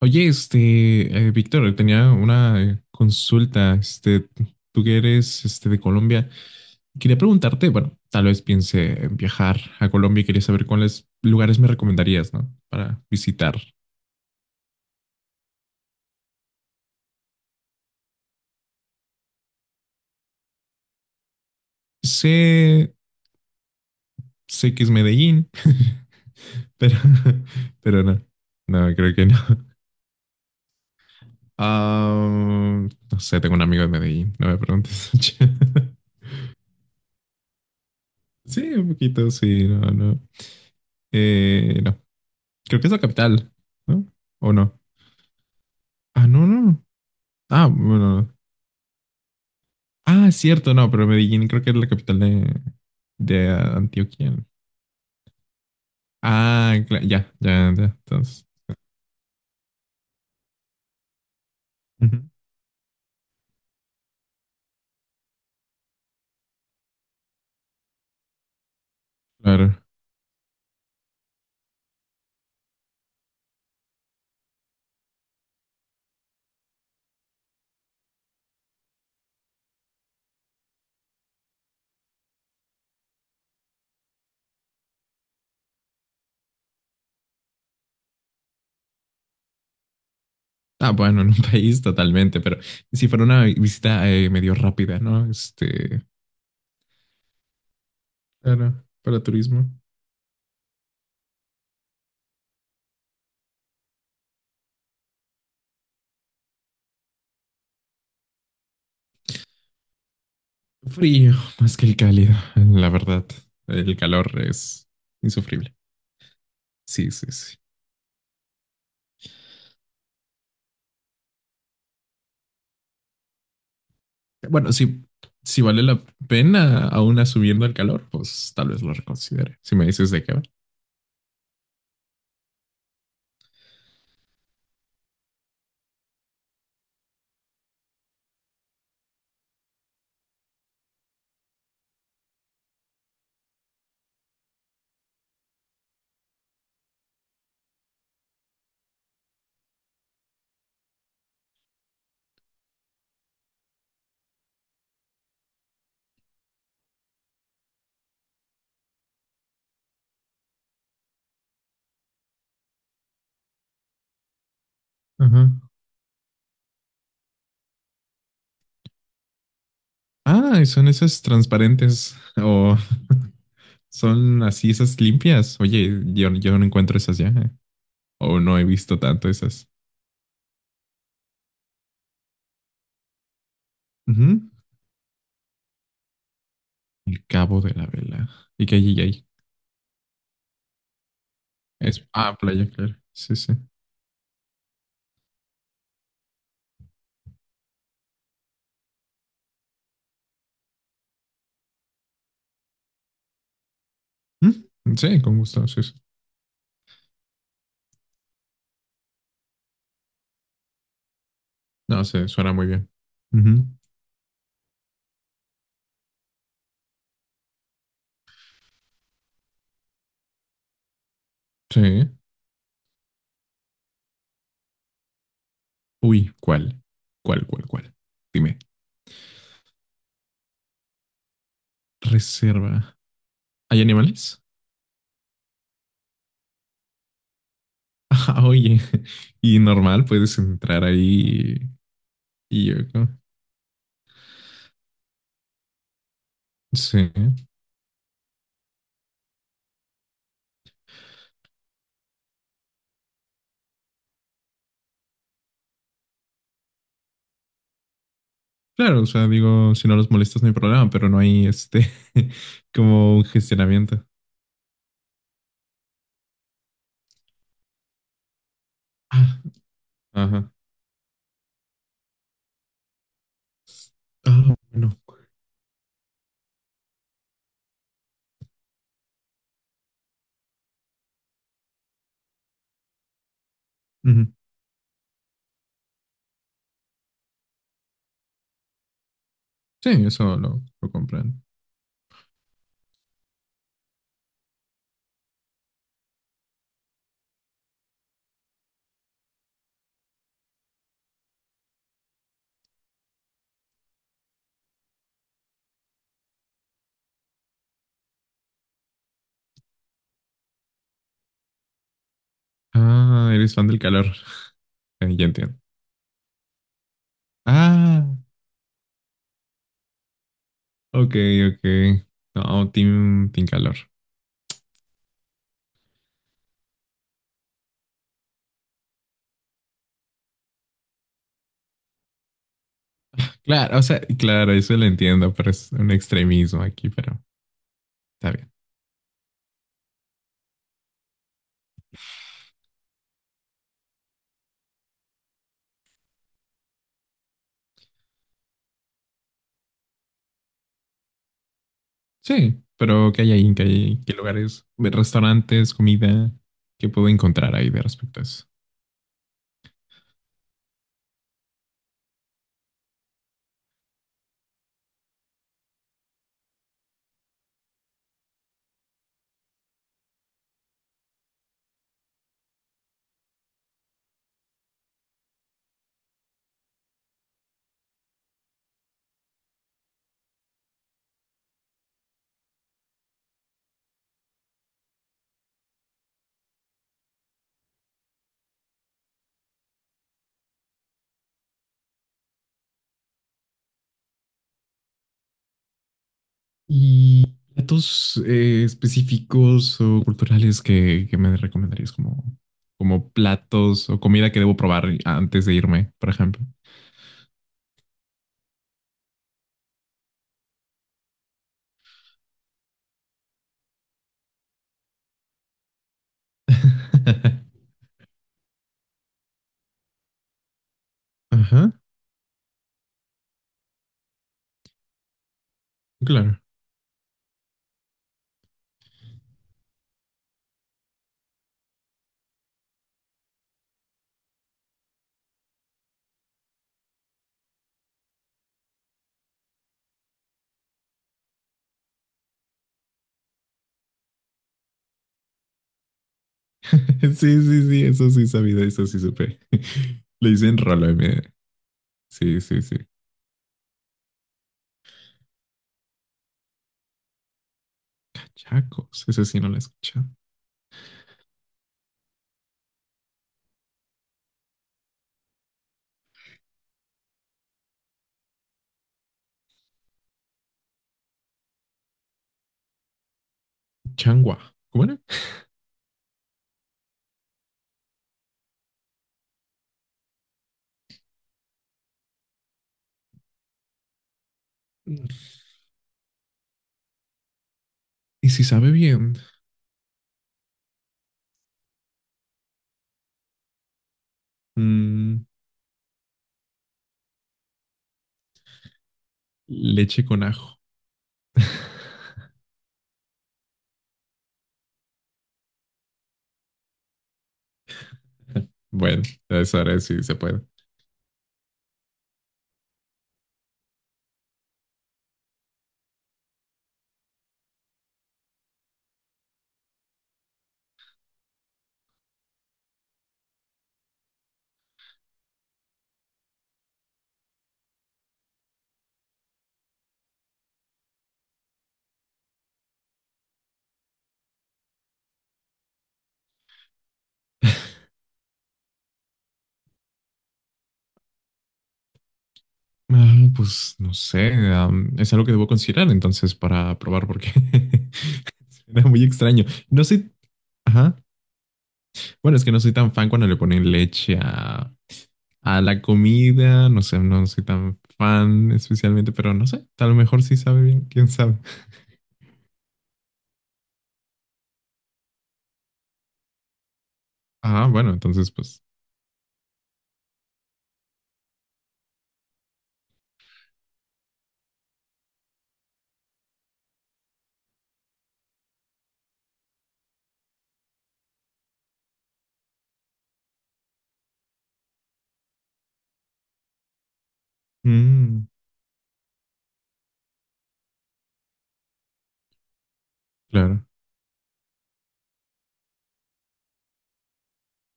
Oye, Víctor, tenía una consulta, tú que eres, de Colombia, quería preguntarte, bueno, tal vez piense en viajar a Colombia y quería saber cuáles lugares me recomendarías, ¿no? Para visitar. Sé, sé que es Medellín, pero, pero no, no, creo que no. Ah, no sé, tengo un amigo de Medellín, no me preguntes. Sí, un poquito, sí, no, no. No, creo que es la capital, ¿no? ¿O no? Ah, no, no. No. Ah, bueno. Ah, es cierto, no, pero Medellín creo que es la capital de Antioquia. Ya, ya, ya, entonces. Ujú. Claro. Ah, bueno, en un país totalmente, pero si fuera una visita medio rápida, ¿no? Claro, para turismo. Frío, más que el cálido, la verdad. El calor es insufrible. Sí, sí, sí. Bueno, si vale la pena aún asumiendo el calor, pues tal vez lo reconsidere. Si me dices de qué va. Ajá. Ah, ¿y son esas transparentes o son así esas limpias? Oye, yo no encuentro esas ya. O no he visto tanto esas. Ujú. El Cabo de la Vela. ¿Y qué hay ahí? Es, ah, playa, claro. Sí, sí. ¿Mm? Sí, con gusto. Sí, sí. No sé, suena muy bien. Ujú. Sí. Uy, ¿cuál? ¿Cuál? Dime. Reserva. ¿Hay animales? Ah, oye. Y normal, ¿puedes entrar ahí y yo? Sí. Claro, o sea, digo, si no los molestas no hay problema, pero no hay este como un gestionamiento. Ah, ajá. Ah, bueno. Ujú. Sí, eso lo comprendo. Ah, eres fan del calor. Ya entiendo. Ah, ok, ok. No, team, team calor. Claro, o sea, claro, eso lo entiendo, pero es un extremismo aquí, pero está bien. Sí, pero ¿qué hay ahí? ¿Qué hay? ¿Qué lugares? ¿Restaurantes? ¿Comida? ¿Qué puedo encontrar ahí de respecto a eso? ¿Y platos específicos o culturales que me recomendarías como, como platos o comida que debo probar antes de irme, por ejemplo? Ajá, claro. Sí, sí, sí, eso sí sabía, eso sí supe. Le dicen rolo, me- Sí, sí, sí. Chacos, eso sí no lo he escuchado. Changua, ¿cómo era? Mm. Y si sabe bien, mm, leche con ajo. Bueno, a esa hora sí se puede. Ah, pues no sé, am, es algo que debo considerar entonces para probar porque suena muy extraño. No soy, ajá, bueno, es que no soy tan fan cuando le ponen leche a la comida, no sé, no soy tan fan especialmente, pero no sé, a lo mejor sí sabe bien, quién sabe. Ah, bueno, entonces pues, mm, claro.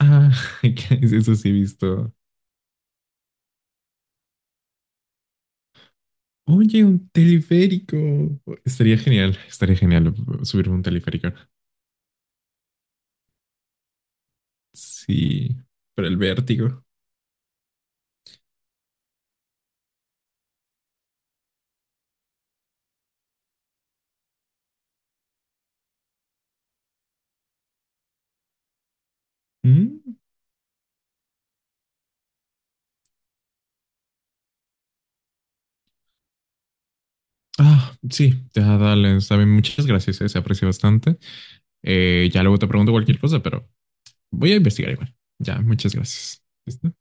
Ah, que eso sí he visto. Oye, un teleférico. Estaría genial subirme a un teleférico. Sí, pero el vértigo. Mm. Ah, sí, ya dale, está bien, muchas gracias, se aprecia bastante. Ya luego te pregunto cualquier cosa, pero voy a investigar igual. Ya, muchas gracias. ¿Listo?